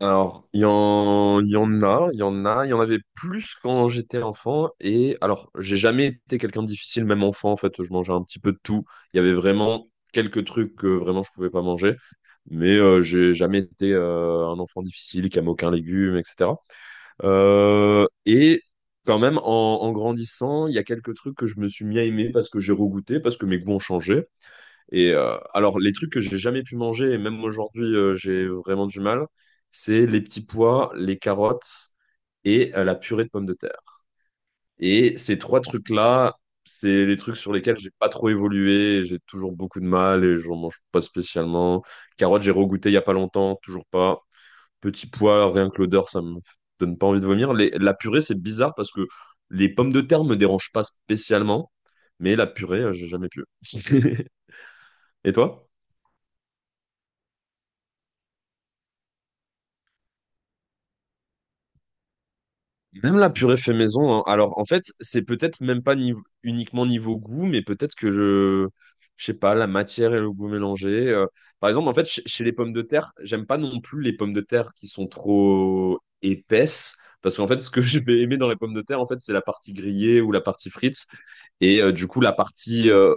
Alors, il y en a, il y en a, il y en avait plus quand j'étais enfant. Et alors, j'ai jamais été quelqu'un de difficile, même enfant, en fait, je mangeais un petit peu de tout. Il y avait vraiment quelques trucs que vraiment je pouvais pas manger. Mais j'ai jamais été un enfant difficile qui aime aucun légume, etc. Et quand même, en grandissant, il y a quelques trucs que je me suis mis à aimer parce que j'ai regoûté, parce que mes goûts ont changé. Et alors, les trucs que j'ai jamais pu manger, et même aujourd'hui, j'ai vraiment du mal, c'est les petits pois, les carottes et la purée de pommes de terre. Et ces trois trucs-là, c'est les trucs sur lesquels j'ai pas trop évolué, j'ai toujours beaucoup de mal et j'en mange pas spécialement. Carottes, j'ai regoûté il y a pas longtemps, toujours pas. Petits pois, rien que l'odeur, ça me donne pas envie de vomir. La purée, c'est bizarre parce que les pommes de terre me dérangent pas spécialement, mais la purée, j'ai jamais pu. Et toi? Même la purée fait maison, hein. Alors, en fait, c'est peut-être même pas uniquement niveau goût, mais peut-être que je sais pas, la matière et le goût mélangés. Par exemple, en fait, chez les pommes de terre, j'aime pas non plus les pommes de terre qui sont trop épaisses, parce qu'en fait, ce que je vais aimer dans les pommes de terre, en fait, c'est la partie grillée ou la partie frite. Et du coup, la partie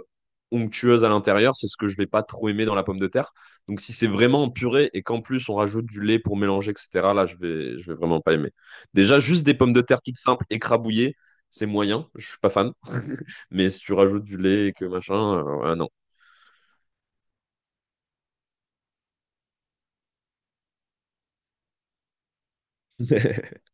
onctueuse à l'intérieur, c'est ce que je vais pas trop aimer dans la pomme de terre. Donc si c'est vraiment en purée et qu'en plus on rajoute du lait pour mélanger, etc., là je vais vraiment pas aimer. Déjà, juste des pommes de terre toutes simples, écrabouillées, c'est moyen, je suis pas fan. Mais si tu rajoutes du lait et que machin, ah non.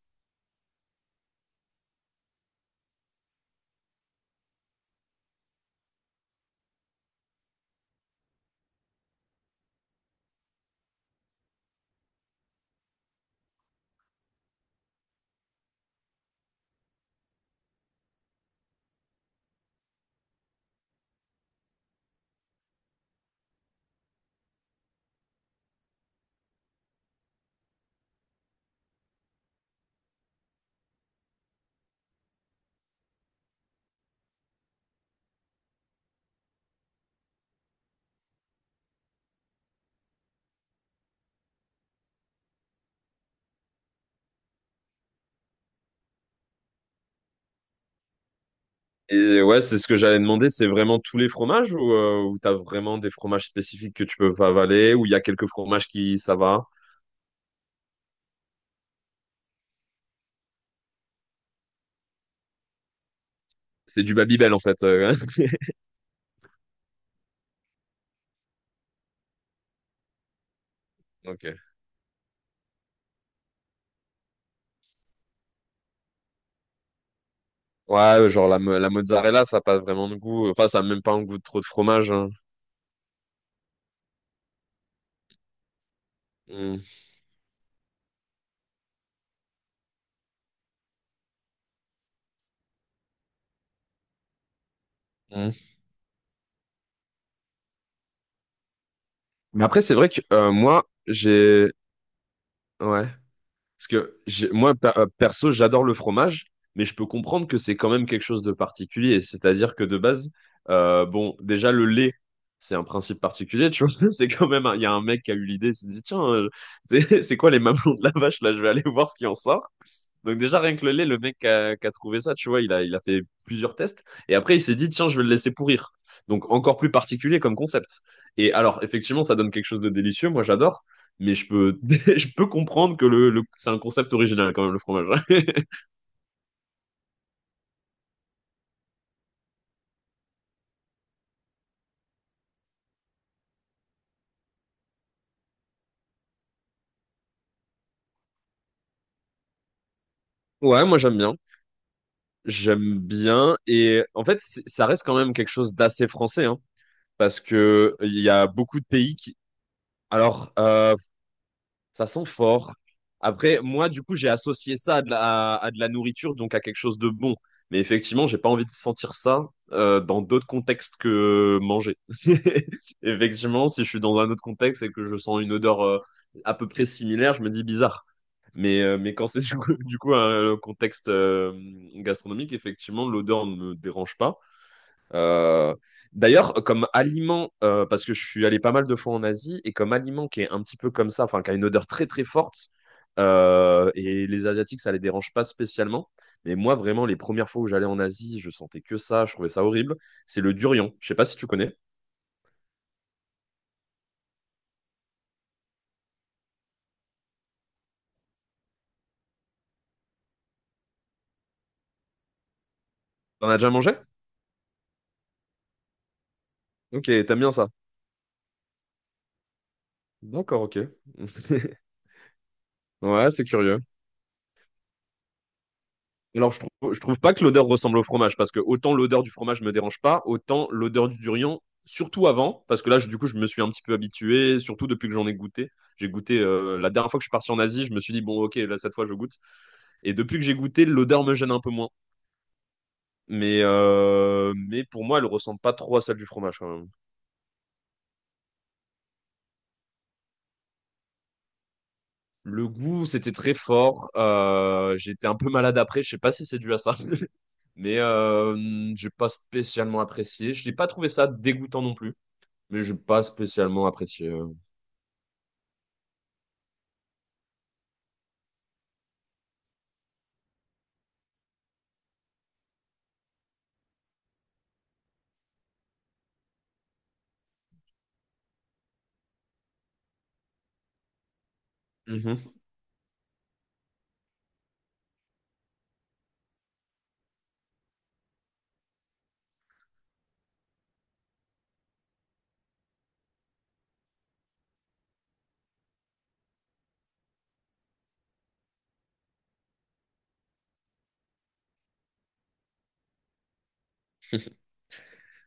Et ouais, c'est ce que j'allais demander, c'est vraiment tous les fromages ou, ou t'as vraiment des fromages spécifiques que tu peux pas avaler, ou il y a quelques fromages qui ça va? C'est du Babybel en fait. Ok. Ouais, ouais, genre la mozzarella, ça n'a pas vraiment de goût. Enfin, ça n'a même pas un goût de trop de fromage. Hein. Mm, mm. Mais après, c'est vrai que moi, j'ai. Ouais. Parce que moi, perso, j'adore le fromage, mais je peux comprendre que c'est quand même quelque chose de particulier. C'est-à-dire que de base, bon, déjà, le lait, c'est un principe particulier, tu vois. C'est quand même. Il y a un mec qui a eu l'idée, il s'est dit, tiens, c'est c'est quoi les mamelons de la vache? Là, je vais aller voir ce qui en sort. Donc déjà, rien que le lait, le mec qui a trouvé ça, tu vois, il a fait plusieurs tests. Et après, il s'est dit, tiens, je vais le laisser pourrir. Donc encore plus particulier comme concept. Et alors, effectivement, ça donne quelque chose de délicieux. Moi, j'adore. Mais je peux, je peux comprendre que c'est un concept original quand même, le fromage. Ouais, moi j'aime bien. J'aime bien. Et en fait, ça reste quand même quelque chose d'assez français, hein, parce que il y a beaucoup de pays qui... Alors, ça sent fort. Après, moi, du coup, j'ai associé ça à de la nourriture, donc à quelque chose de bon. Mais effectivement, j'ai pas envie de sentir ça dans d'autres contextes que manger. Effectivement, si je suis dans un autre contexte et que je sens une odeur à peu près similaire, je me dis bizarre. Mais, mais quand c'est du coup, du coup un contexte gastronomique, effectivement, l'odeur ne me dérange pas. Euh, D'ailleurs, comme aliment, parce que je suis allé pas mal de fois en Asie, et comme aliment qui est un petit peu comme ça, enfin, qui a une odeur très très forte, et les Asiatiques, ça les dérange pas spécialement. Mais moi, vraiment, les premières fois où j'allais en Asie, je sentais que ça, je trouvais ça horrible. C'est le durian. Je sais pas si tu connais. T'en as déjà mangé? Ok, t'aimes bien ça. D'accord, ok. Ouais, c'est curieux. Alors, je trouve pas que l'odeur ressemble au fromage, parce que autant l'odeur du fromage me dérange pas, autant l'odeur du durian, surtout avant, parce que là, du coup, je me suis un petit peu habitué, surtout depuis que j'en ai goûté. J'ai goûté, la dernière fois que je suis parti en Asie, je me suis dit, bon, ok, là, cette fois, je goûte. Et depuis que j'ai goûté, l'odeur me gêne un peu moins. Mais pour moi, elle ressemble pas trop à celle du fromage, quand même. Le goût, c'était très fort. J'étais un peu malade après, je sais pas si c'est dû à ça, mais j'ai pas spécialement apprécié. Je n'ai pas trouvé ça dégoûtant non plus. Mais j'ai pas spécialement apprécié. Mhm.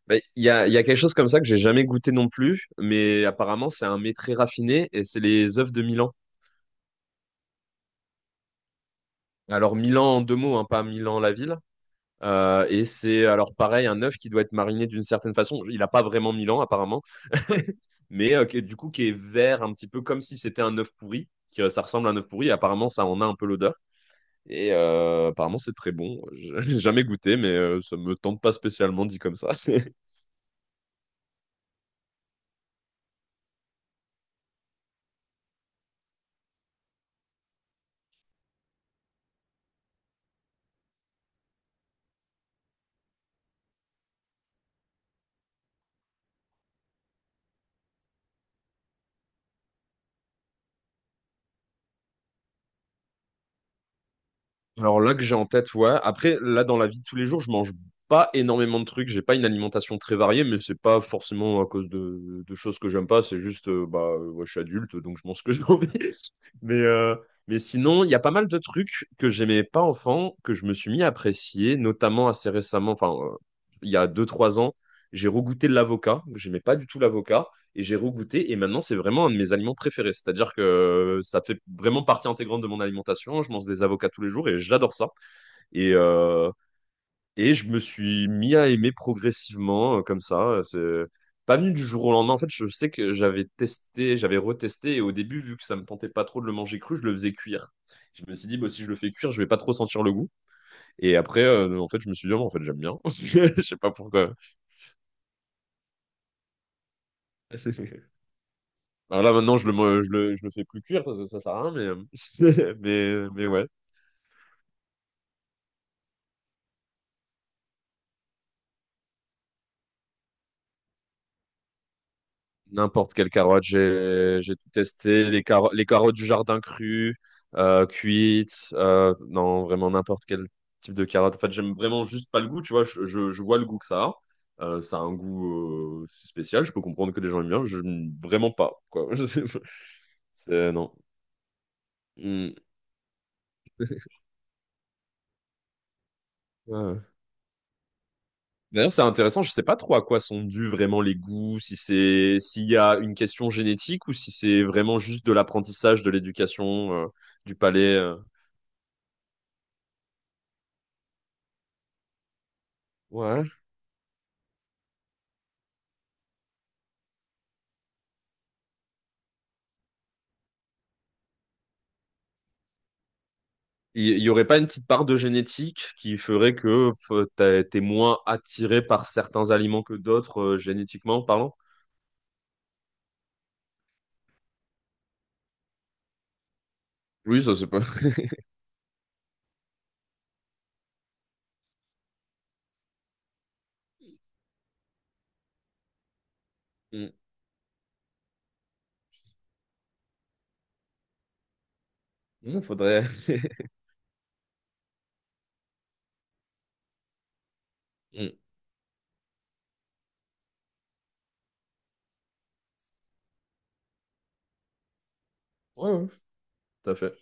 Bah, Il y a quelque chose comme ça que j'ai jamais goûté non plus, mais apparemment c'est un mets très raffiné et c'est les œufs de Milan. Alors Milan en deux mots, hein, pas Milan la ville. Et c'est alors pareil un œuf qui doit être mariné d'une certaine façon. Il n'a pas vraiment Milan apparemment, mais du coup qui est vert un petit peu comme si c'était un œuf pourri, que ça ressemble à un œuf pourri. Et apparemment ça en a un peu l'odeur. Et apparemment c'est très bon. Je l'ai jamais goûté, mais ça me tente pas spécialement dit comme ça. Alors là que j'ai en tête, ouais. Après, là dans la vie de tous les jours, je mange pas énormément de trucs. J'ai pas une alimentation très variée, mais c'est pas forcément à cause de choses que j'aime pas. C'est juste, ouais, je suis adulte, donc je mange ce que j'ai envie. Mais, euh, mais sinon, il y a pas mal de trucs que j'aimais pas enfant, que je me suis mis à apprécier, notamment assez récemment, enfin, il y a 2 3 ans, j'ai regoûté de l'avocat. J'aimais pas du tout l'avocat et j'ai regoûté et maintenant c'est vraiment un de mes aliments préférés. C'est-à-dire que ça fait vraiment partie intégrante de mon alimentation. Je mange des avocats tous les jours et j'adore ça. Et, euh, et je me suis mis à aimer progressivement comme ça. C'est pas venu du jour au lendemain. En fait, je sais que j'avais testé, j'avais retesté et au début, vu que ça me tentait pas trop de le manger cru, je le faisais cuire. Je me suis dit, bah, si je le fais cuire, je vais pas trop sentir le goût. Et après, en fait, je me suis dit, ah, bon, en fait, j'aime bien. Je sais pas pourquoi. Alors là, maintenant, je le, mo- je le fais plus cuire parce que ça sert à rien, mais, mais ouais. N'importe quelle carotte, j'ai tout testé. Les carottes du jardin crues, cuites, non, vraiment n'importe quel type de carotte. En fait, j'aime vraiment juste pas le goût, tu vois. Je vois le goût que ça a. Ça a un goût spécial. Je peux comprendre que les gens aiment bien. Je n'aime vraiment pas, quoi. C'est, non. Mm. Ouais. D'ailleurs, c'est intéressant, je sais pas trop à quoi sont dus vraiment les goûts, si c'est s'il y a une question génétique ou si c'est vraiment juste de l'apprentissage, de l'éducation, du palais. Ouais. Il y aurait pas une petite part de génétique qui ferait que t'es moins attiré par certains aliments que d'autres, génétiquement parlant? Oui, ça c'est pas. Mm. Mm, faudrait. Mm. Ouais, ouais, tout à fait.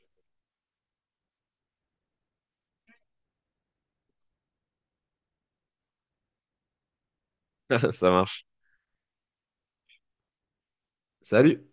Ça marche. Salut.